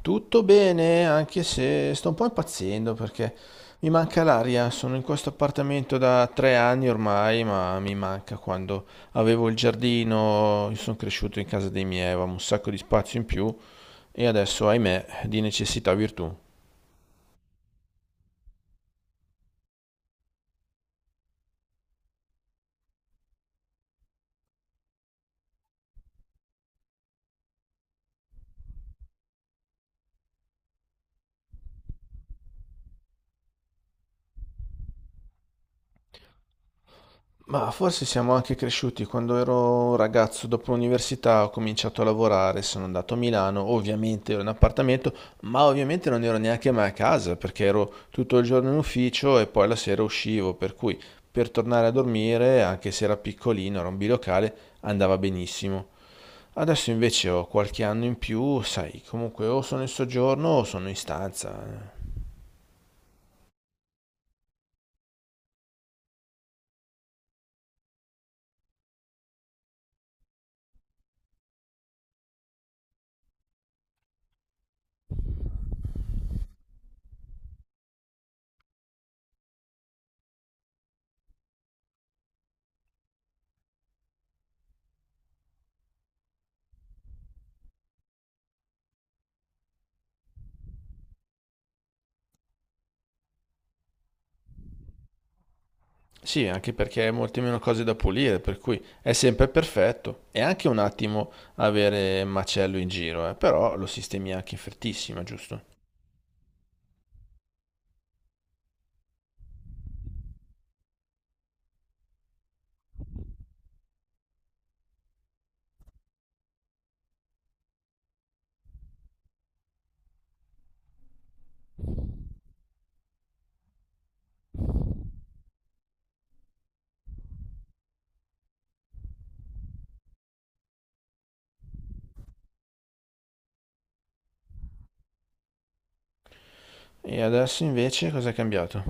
Tutto bene, anche se sto un po' impazzendo perché mi manca l'aria. Sono in questo appartamento da 3 anni ormai, ma mi manca quando avevo il giardino. Io sono cresciuto in casa dei miei, avevamo un sacco di spazio in più e adesso, ahimè, di necessità virtù. Ma forse siamo anche cresciuti. Quando ero un ragazzo, dopo l'università, ho cominciato a lavorare, sono andato a Milano, ovviamente ero in appartamento, ma ovviamente non ero neanche mai a casa perché ero tutto il giorno in ufficio e poi la sera uscivo, per cui per tornare a dormire, anche se era piccolino, era un bilocale, andava benissimo. Adesso invece ho qualche anno in più, sai, comunque o sono in soggiorno o sono in stanza. Sì, anche perché hai molte meno cose da pulire, per cui è sempre perfetto. È anche un attimo avere macello in giro, però lo sistemi anche in frettissima, giusto? E adesso invece cosa è cambiato?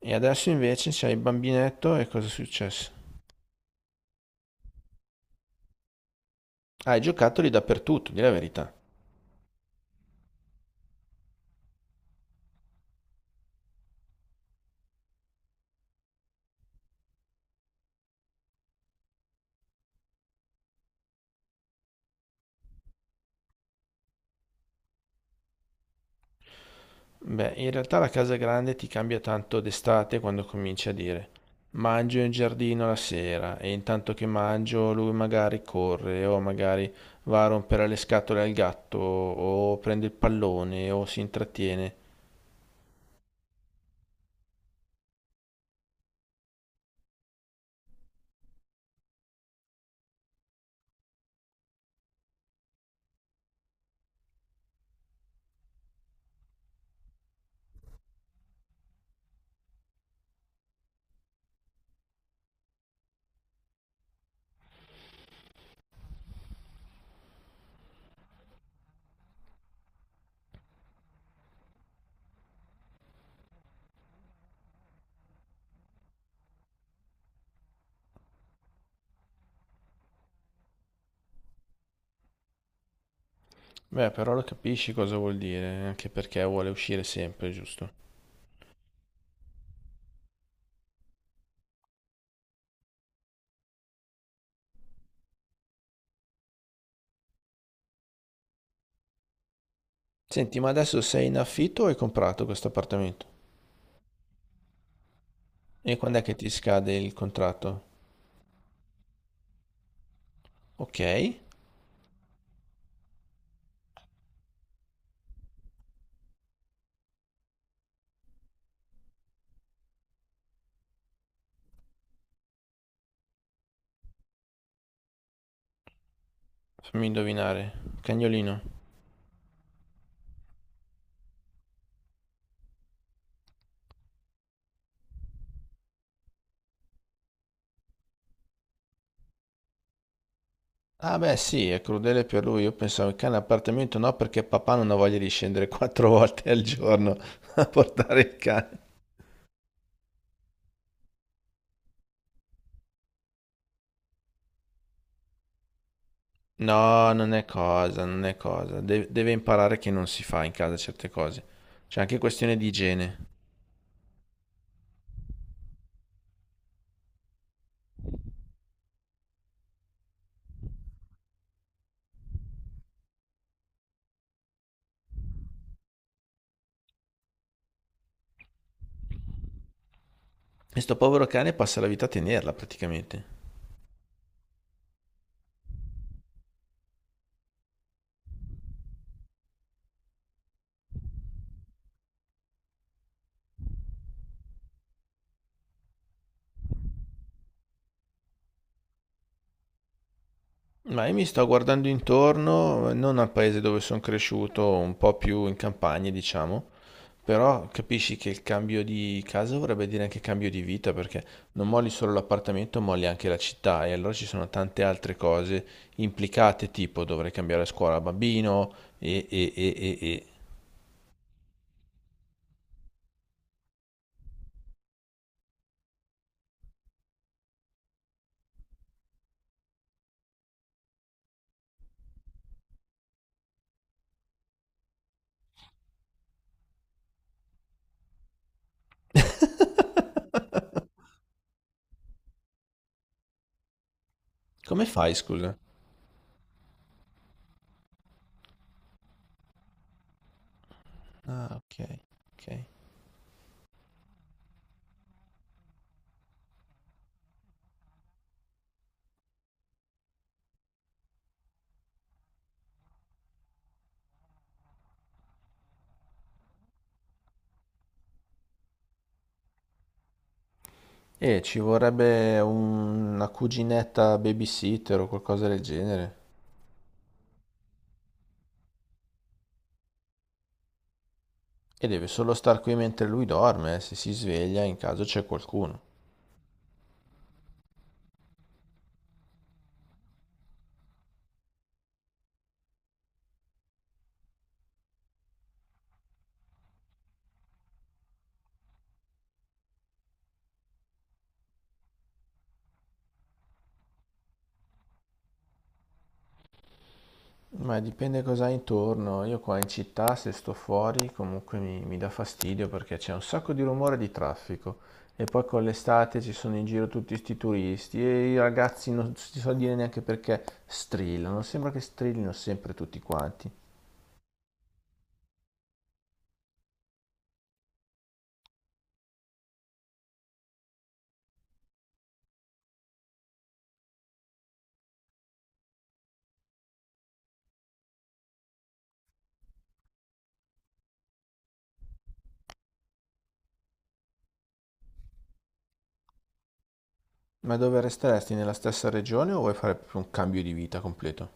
E adesso invece c'hai il bambinetto e cosa è successo? Hai giocattoli dappertutto, di' la verità. Beh, in realtà la casa grande ti cambia tanto d'estate quando cominci a dire mangio in giardino la sera e intanto che mangio lui magari corre o magari va a rompere le scatole al gatto o prende il pallone o si intrattiene. Beh, però lo capisci cosa vuol dire, anche perché vuole uscire sempre, giusto? Senti, ma adesso sei in affitto o hai comprato questo appartamento? E quando è che ti scade il contratto? Ok, fammi indovinare, cagnolino. Ah beh sì, è crudele per lui. Io pensavo il cane appartamento no, perché papà non ha voglia di scendere 4 volte al giorno a portare il cane. No, non è cosa, non è cosa. Deve imparare che non si fa in casa certe cose. C'è anche questione di igiene. E sto povero cane passa la vita a tenerla praticamente. Ma io mi sto guardando intorno, non al paese dove sono cresciuto, un po' più in campagna, diciamo. Però capisci che il cambio di casa vorrebbe dire anche cambio di vita, perché non molli solo l'appartamento, molli anche la città e allora ci sono tante altre cose implicate, tipo dovrei cambiare scuola bambino e. Come fai, scusa? Ah, ok, ok. E ci vorrebbe una cuginetta babysitter o qualcosa del genere. E deve solo star qui mentre lui dorme, se si sveglia in caso c'è qualcuno. Ma dipende cosa hai intorno. Io qua in città, se sto fuori, comunque mi dà fastidio perché c'è un sacco di rumore e di traffico. E poi con l'estate ci sono in giro tutti sti turisti e i ragazzi non si so dire neanche perché strillano. Sembra che strillino sempre tutti quanti. Ma dove resteresti? Nella stessa regione o vuoi fare proprio un cambio di vita completo?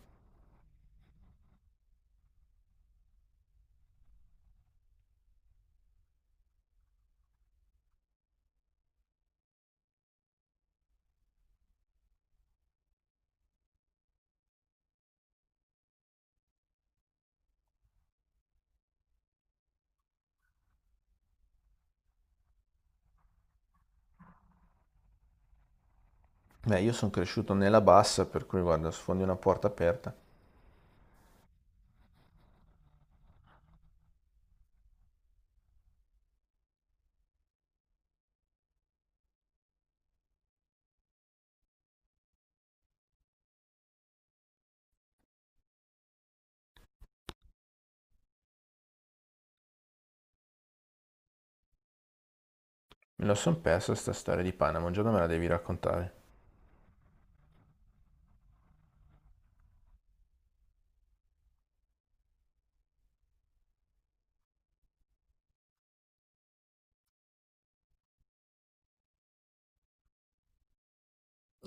Beh, io sono cresciuto nella bassa, per cui guarda, sfondi una porta aperta. Me la son persa sta storia di Panama, un giorno me la devi raccontare.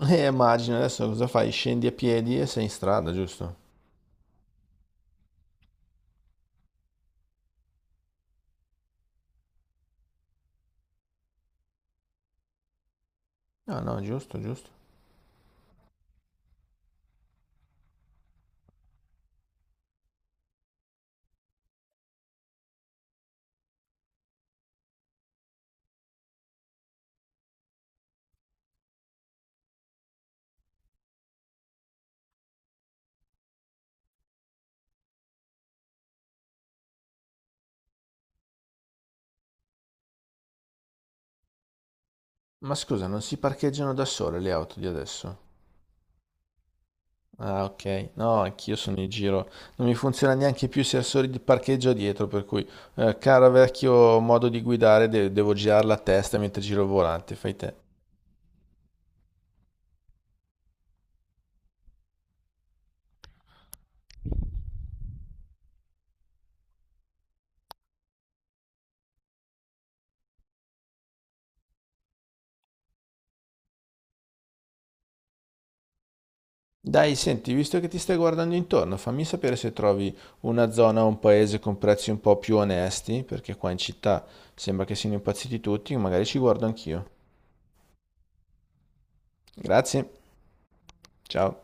Immagino, adesso cosa fai? Scendi a piedi e sei in strada, giusto? No, no, giusto, giusto. Ma scusa, non si parcheggiano da sole le auto di adesso? Ah, ok. No, anch'io sono in giro. Non mi funziona neanche più i sensori di parcheggio dietro, per cui, caro vecchio modo di guidare, devo girare la testa mentre giro il volante, fai te. Dai, senti, visto che ti stai guardando intorno, fammi sapere se trovi una zona o un paese con prezzi un po' più onesti, perché qua in città sembra che siano impazziti tutti, magari ci guardo anch'io. Grazie. Ciao.